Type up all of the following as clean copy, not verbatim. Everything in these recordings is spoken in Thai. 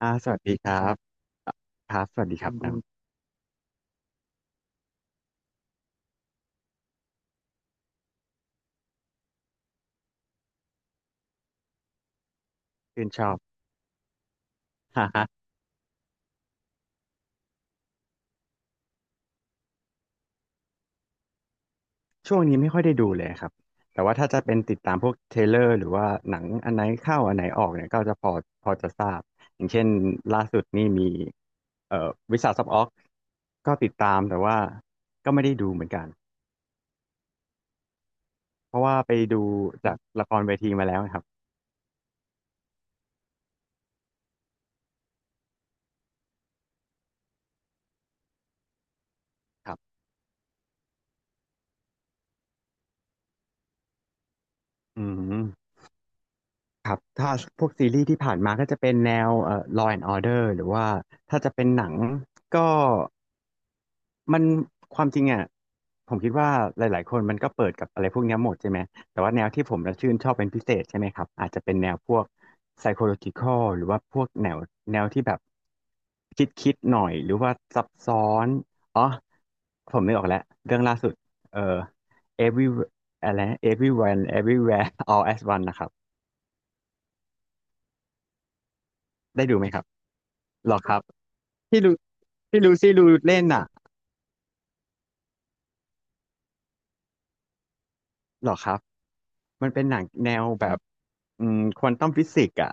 อ่าสวัสดีครับอ่ะครับสวัสดีครับน้ำชื่นชอบ ฮ่าฮะช่วงนี้ไม่ค่อยได้ดูเลยครับแต่ว่าถ้าจะเป็นติดตามพวกเทรลเลอร์หรือว่าหนังอันไหนเข้าอันไหนออกเนี่ยก็จะพอพอจะทราบอย่างเช่นล่าสุดนี่มีวิสาสอออกก็ติดตามแต่ว่าก็ไม่ได้ดูเหมือนกันเพราะว่าไปดูจากละครเวทีมาแล้วนะครับครับอืมครับถ้าพวกซีรีส์ที่ผ่านมาก็จะเป็นแนวLaw and Order หรือว่าถ้าจะเป็นหนังก็ มันความจริงอ่ะผมคิดว่าหลายๆคนมันก็เปิดกับอะไรพวกเนี้ยหมดใช่ไหมแต่ว่าแนวที่ผมจะชื่นชอบเป็นพิเศษใช่ไหมครับอาจจะเป็นแนวพวก psychological หรือว่าพวกแนวแนวที่แบบคิดหน่อยหรือว่าซับซ้อนอ๋อผมนึกออกแล้วเรื่องล่าสุดเอ่อ every อะไร everyone everywhere all as one นะครับได้ดูไหมครับหรอครับที่ลูที่ลูซี่ลูเล่นน่ะหรอครับมันเป็นหนังแนวแบบอืมควอนตัมฟิสิกส์อ่ะ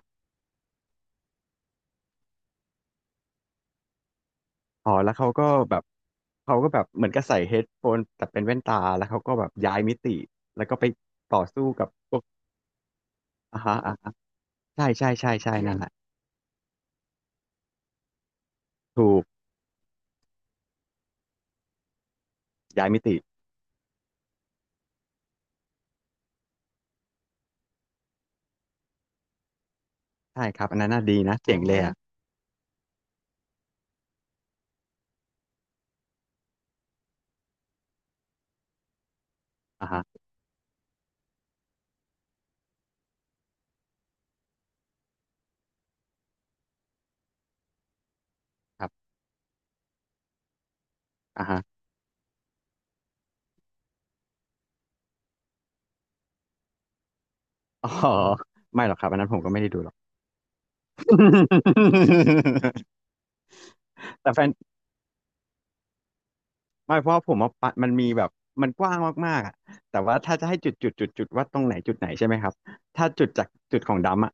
อ๋อแล้วเขาก็แบบเขาก็แบบเหมือนกับใส่เฮดโฟนแต่เป็นแว่นตาแล้วเขาก็แบบย้ายมิติแล้วก็ไปต่อสู้กับพวกอ่าฮะอ่าฮะใช่ใช่ใช่ใช่นั่นแหละถูกย้ายมิติใช่ครับอันนั้นน่าดีนะเจ๋งเลยอะอ่าฮะครับอ่าฮะอ๋อไม่หรอกครับอันนั้นผมก็ไม่ได้ดูหรอก แต่แฟน ไม่เพราะผมว่าปะมันมีแบบมันกว้างมากๆอ่ะแต่ว่าถ้าจะให้จุดว่าตรงไหนจุดไหนใช่ไหมครับถ้าจุดจากจุดของดำอ่ะ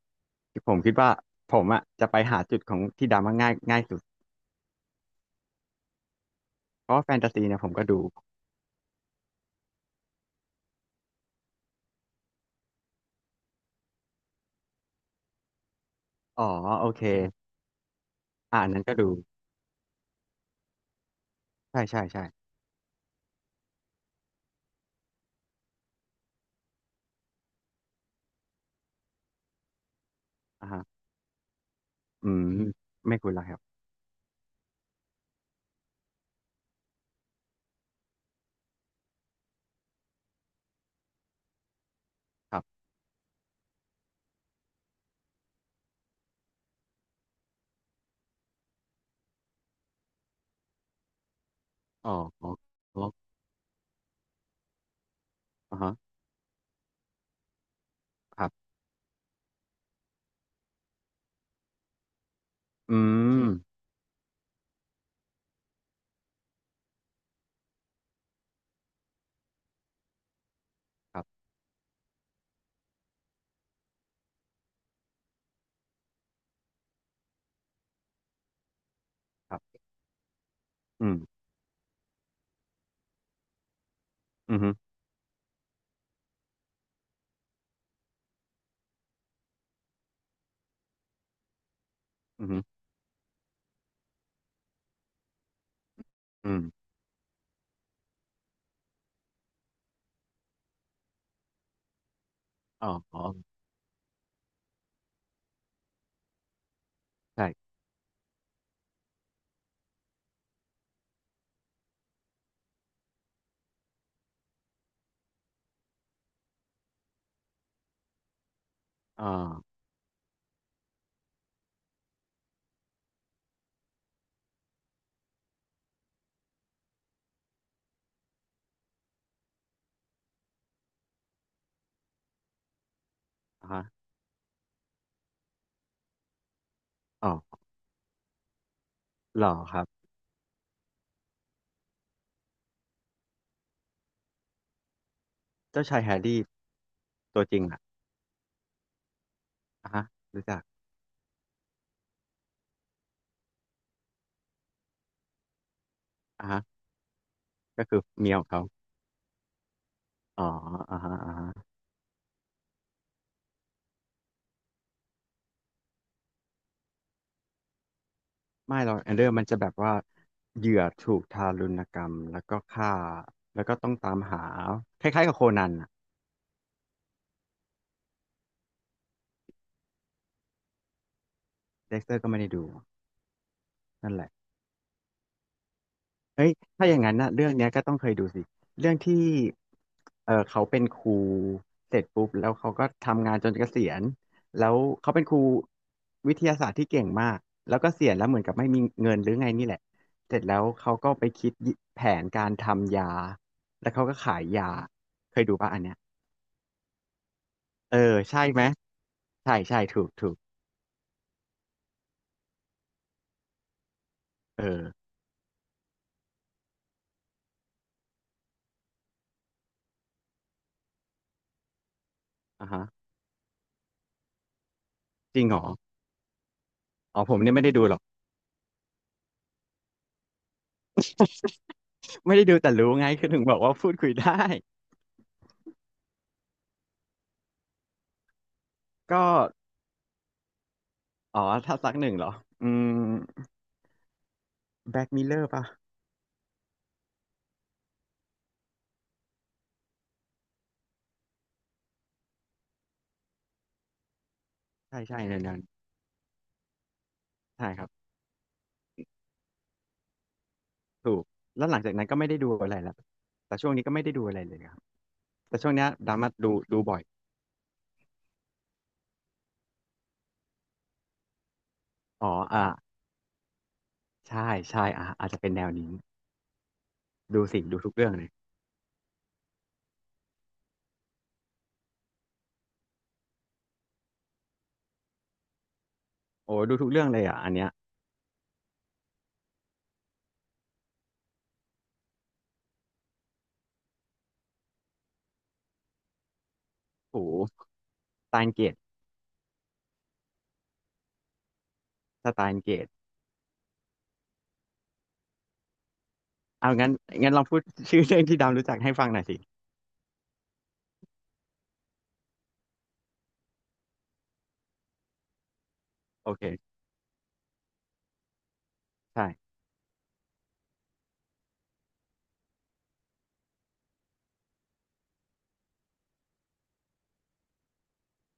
ผมคิดว่าผมอ่ะจะไปหาจุดของที่ดำอะง่ายง่ายสุดเพราะว่าแฟนตาซีเนี่ยผมก็ดูอ๋อโอเคอ่าอันนั้นก็ดูใช่ใช่ใช่อ่าฮะอืมไม่คุยแล้วครับครับอ๋ออ๋ออ๋ออ่าฮะครับอืมครับครับอืมอืมอฮึอืมอฮึอืมอ๋ออ๋อใช่อ๋ออ่าฮะอ๋อหล่อครับเจ้าชายแฮร์รี่ ตัวจริงอ่ะอ่ะฮะรู้จักอ่ะฮะก็คือเมียของเขาอ๋ออ่ะฮะอ่ะฮะไม่หรอกแอนเดอร์มันจะแบบว่าเหยื่อถูกทารุณกรรมแล้วก็ฆ่าแล้วก็ต้องตามหาคล้ายๆกับโคนันอ่ะเด็กเตอร์ก็ไม่ได้ดูนั่นแหละ เฮ้ยถ้าอย่างนั้นนะเรื่องเนี้ยก็ต้องเคยดูสิเรื่องที่เออเขาเป็นครูเสร็จปุ๊บแล้วเขาก็ทำงานจนเกษียณแล้วเขาเป็นครูวิทยาศาสตร์ที่เก่งมากแล้วก็เสียณแล้วเหมือนกับไม่มีเงินหรือไงนี่แหละเสร็จแล้วเขาก็ไปคิดแผนการทำยา แล้วเขาก็ขายยาเคยดูป่ะอันเนี้ยเออใช่ไหมใช่ใช่ถูกถูกเอออ่ะฮะจริงเหรออ๋อผมเนี่ยไม่ได้ดูหรอก ไม่ได้ดูแต่รู้ไงคือถึงบอกว่าพูดคุยได้ก็ อ๋อ ถ้าซักหนึ่งเหรออืมแบ็กมิลเลอร์ป่ะ ใช่ใช่ในนั้นใช่ครับถูกแล้วหลังจากนั้นก็ไม่ได้ดูอะไรแล้วแต่ช่วงนี้ก็ไม่ได้ดูอะไรเลยครับ แต่ช่วงเนี้ยดราม่าดูดูบ่อย อ๋ออ่าใช่ใช่อ่าอาจจะเป็นแนวนี้ดูสิดูทุกเรื่องเลยโอ้ดูทุกเรื่องเลยอ่ะอันเนี้ยโหสไตน์เกตสไตน์เกตเอางั้นงั้นลองพูด ชื่อเรื่องที่ดาวรู้จักให้ฟังหน่อยสิโอเคใช่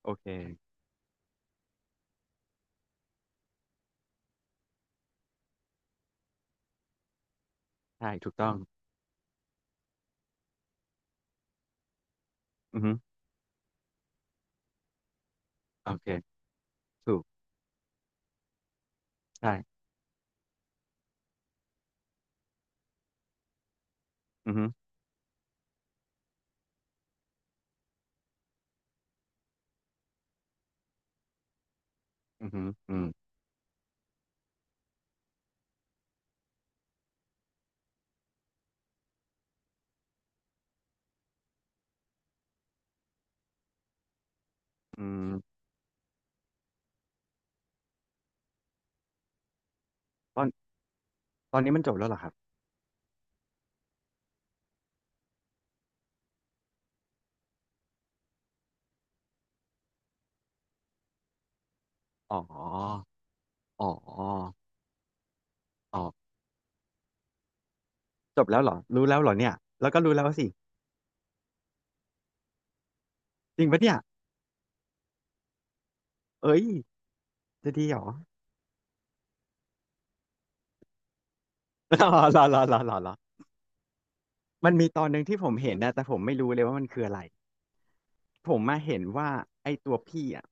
โอเคใช่ถูกต้องอือฮึโอเคถูกใช่อือฮึอือฮึอืมอืมตอนตอนนี้มันจบแล้วเหรอครับ อ๋ออ๋ออ๋อจบแล้วเหรอรู้แล้วเหรอเนี่ยแล้วก็รู้แล้วสิจริงปะเนี่ยเอ้ยจะดีเหรอ รอรอมันมีตอนหนึ่งที่ผมเห็นนะแต่ผมไม่รู้เลยว่ามันคืออะไร ผมมาเห็นว่าไอ้ตัวพี่อ่ะ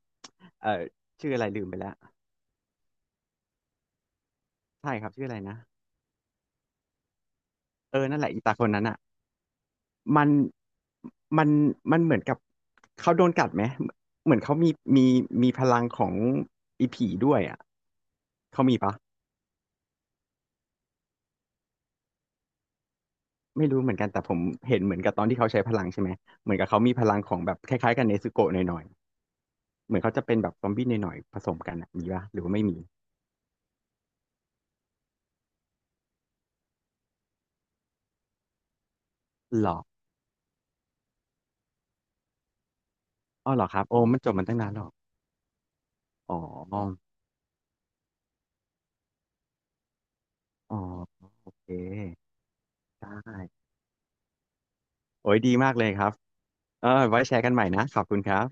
เออชื่ออะไรลืมไปแล้วใช่ครับชื่ออะไรนะเออนั่นแหละอีตาคนนั้นอ่ะมันมันมันเหมือนกับเขาโดนกัดไหมเหมือนเขามีมีมีพลังของอีผีด้วยอ่ะเขามีปะ ไม่รู้เหมือนกันแต่ผมเห็นเหมือนกับตอนที่เขาใช้พลังใช่ไหมเหมือนกับเขามีพลังของแบบคล้ายๆกับเนซึโกะหน่อยๆเหมือนเขาจะเป็นแบบซอมบี้หน่อยๆผสมกันอะมีปะหรือว่าไม่มีหรออ้อเหรอครับโอ้มันจบมันตั้งนานหรออ๋ออ๋อโอเคได้โอ้ยดีมากเลยครับเออไว้แชร์กันใหม่นะขอบคุณครับ